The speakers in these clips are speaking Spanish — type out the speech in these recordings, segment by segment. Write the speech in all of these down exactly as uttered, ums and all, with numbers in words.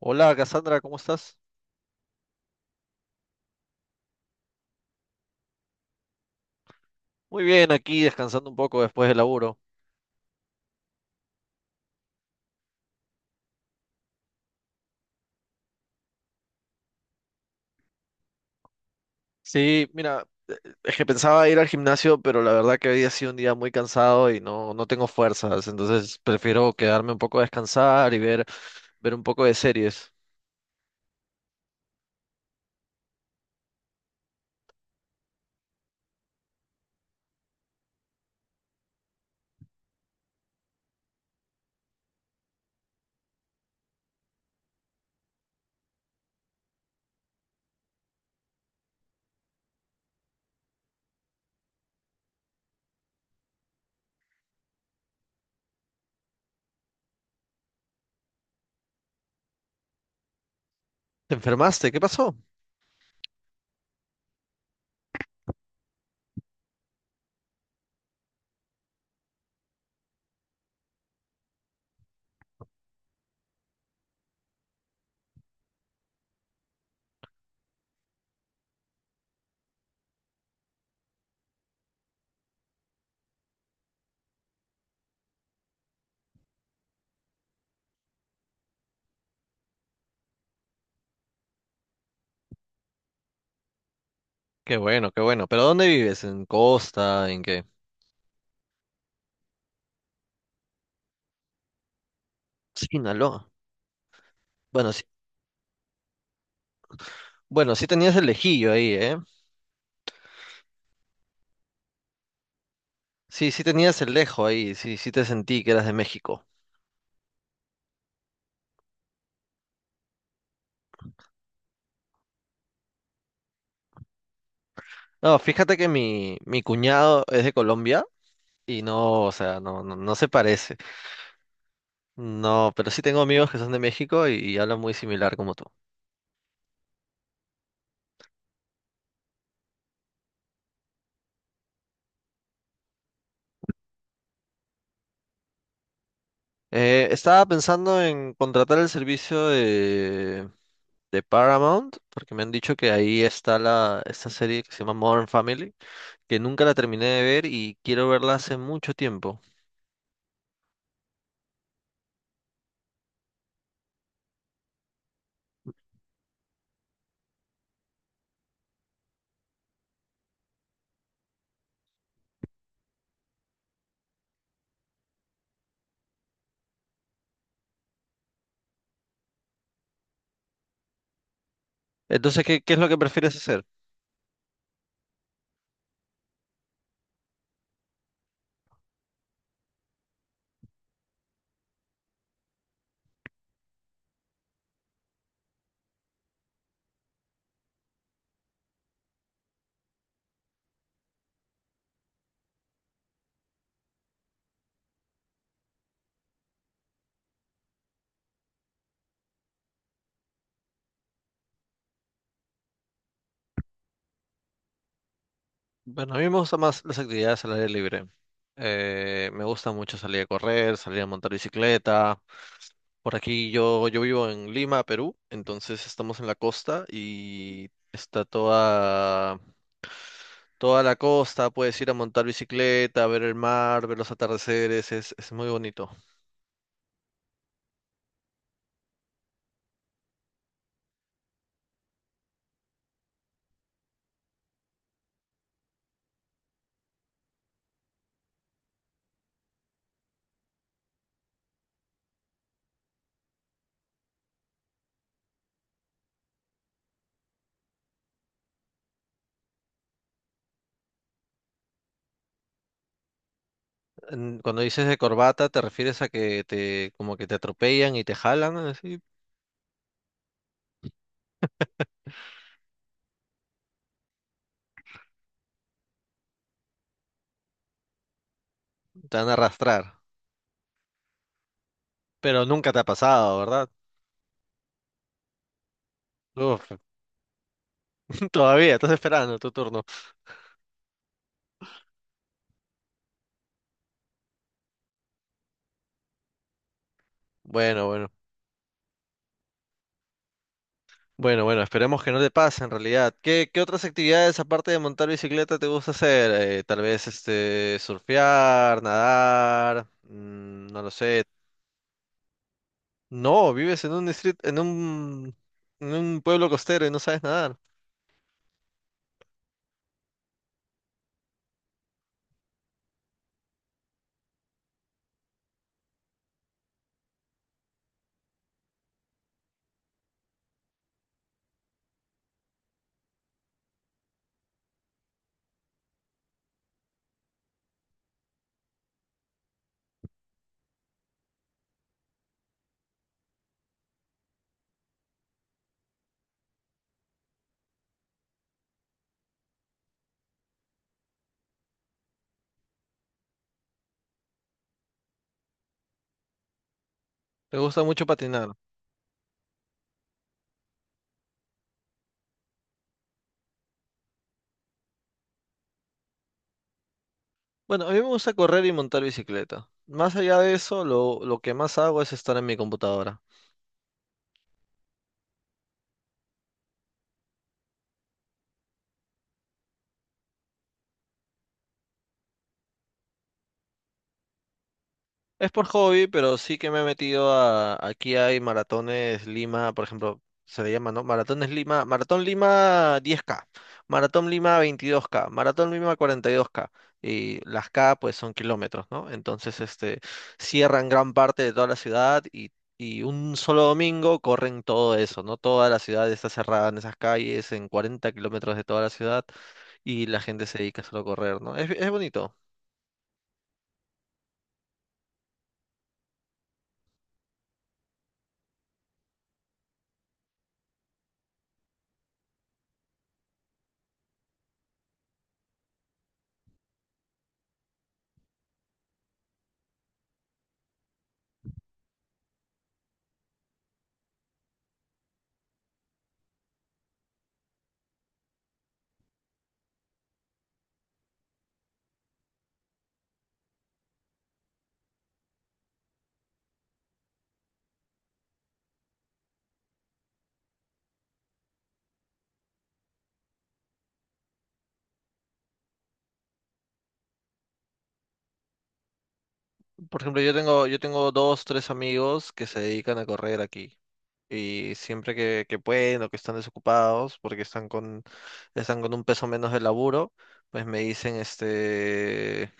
Hola, Cassandra, ¿cómo estás? Muy bien, aquí descansando un poco después del laburo. Sí, mira, es que pensaba ir al gimnasio, pero la verdad que había sido un día muy cansado y no, no tengo fuerzas, entonces prefiero quedarme un poco a descansar y ver, ver un poco de series. ¿Te enfermaste? ¿Qué pasó? Qué bueno, qué bueno. ¿Pero dónde vives? ¿En Costa? ¿En qué? Sinaloa. Bueno, sí, bueno, sí tenías el lejillo ahí, ¿eh? Sí, sí tenías el lejo ahí, sí, sí te sentí que eras de México. No, fíjate que mi, mi cuñado es de Colombia. Y no, o sea, no, no, no se parece. No, pero sí tengo amigos que son de México y, y hablan muy similar como tú. Eh, estaba pensando en contratar el servicio de, de Paramount, porque me han dicho que ahí está la, esta serie que se llama Modern Family, que nunca la terminé de ver y quiero verla hace mucho tiempo. Entonces, ¿qué, qué es lo que prefieres hacer? Bueno, a mí me gustan más las actividades al aire libre. Eh, me gusta mucho salir a correr, salir a montar bicicleta. Por aquí yo, yo vivo en Lima, Perú, entonces estamos en la costa y está toda, toda la costa, puedes ir a montar bicicleta, ver el mar, ver los atardeceres, es, es muy bonito. En- Cuando dices de corbata, ¿te refieres a que te como que te atropellan y te jalan, así? Te van a arrastrar. Pero nunca te ha pasado, ¿verdad? Uf, todavía, estás esperando tu turno. Bueno, bueno. Bueno, bueno, esperemos que no te pase en realidad. ¿Qué, qué otras actividades aparte de montar bicicleta te gusta hacer? Eh, tal vez este surfear, nadar, mm, no lo sé. No, vives en un distrito, en un, en un pueblo costero y no sabes nadar. Te gusta mucho patinar. Bueno, a mí me gusta correr y montar bicicleta. Más allá de eso, lo, lo que más hago es estar en mi computadora. Es por hobby, pero sí que me he metido a... Aquí hay maratones Lima, por ejemplo, se le llama, ¿no? Maratones Lima, Maratón Lima diez K, Maratón Lima veintidós K, Maratón Lima cuarenta y dos K. Y dos K. Y las K, pues, son kilómetros, ¿no? Entonces, este, cierran gran parte de toda la ciudad y, y un solo domingo corren todo eso, ¿no? Toda la ciudad está cerrada en esas calles, en cuarenta kilómetros de toda la ciudad y la gente se dedica solo a correr, ¿no? Es, es bonito. Por ejemplo, yo tengo, yo tengo dos, tres amigos que se dedican a correr aquí. Y siempre que, que pueden o que están desocupados porque están con, están con un peso menos de laburo, pues me dicen, este,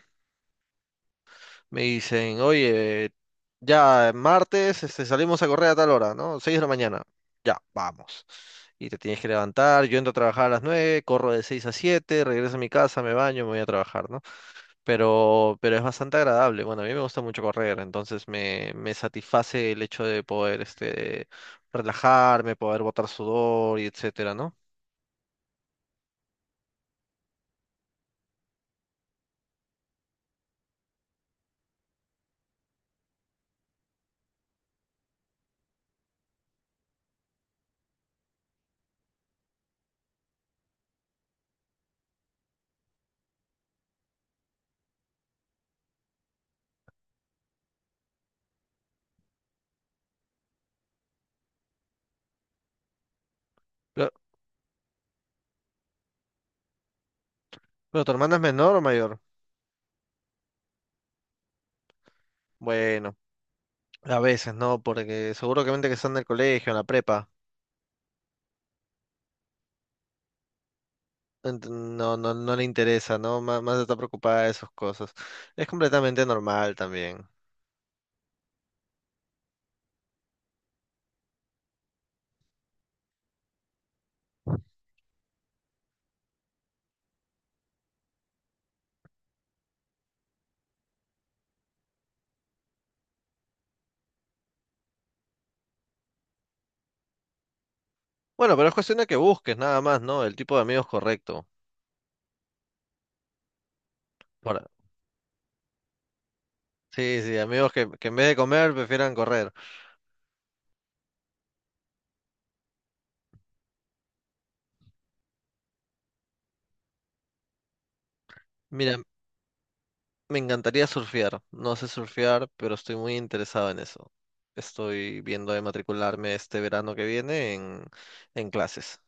me dicen, oye, ya martes, este, salimos a correr a tal hora, ¿no? Seis de la mañana. Ya, vamos. Y te tienes que levantar, yo entro a trabajar a las nueve, corro de seis a siete, regreso a mi casa, me baño, me voy a trabajar, ¿no? pero, pero es bastante agradable. Bueno, a mí me gusta mucho correr, entonces me, me satisface el hecho de poder este, relajarme, poder botar sudor y etcétera, ¿no? Pero, pero ¿tu hermana es menor o mayor? Bueno, a veces, ¿no? Porque seguro que mente que está en el colegio, en la prepa. Ent- No, no, no le interesa, ¿no? Má- Más, está preocupada de esas cosas. Es completamente normal también. Bueno, pero es cuestión de que busques nada más, ¿no? El tipo de amigos correcto. Por- Sí, sí, amigos que, que en vez de comer prefieran correr. Mira, me encantaría surfear. No sé surfear, pero estoy muy interesado en eso. Estoy viendo de matricularme este verano que viene en, en clases.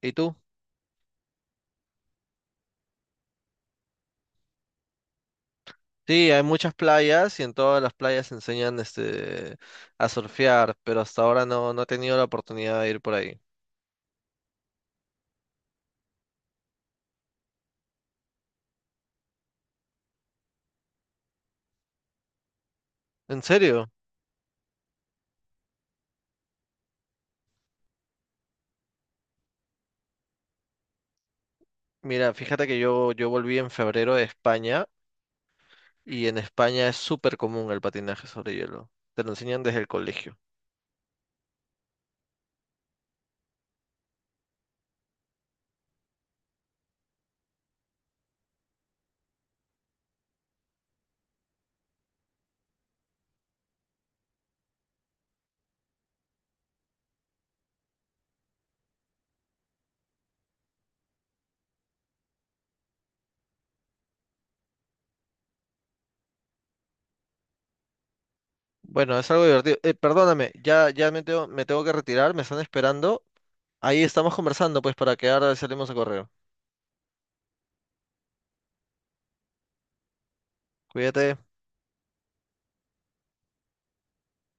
¿Y tú? Sí, hay muchas playas y en todas las playas enseñan este a surfear, pero hasta ahora no, no he tenido la oportunidad de ir por ahí. ¿En serio? Mira, fíjate que yo, yo volví en febrero de España y en España es súper común el patinaje sobre hielo. Te lo enseñan desde el colegio. Bueno, es algo divertido. Eh, perdóname, ya, ya me tengo, me tengo que retirar, me están esperando. Ahí estamos conversando, pues, para quedar, salimos a correr. Cuídate.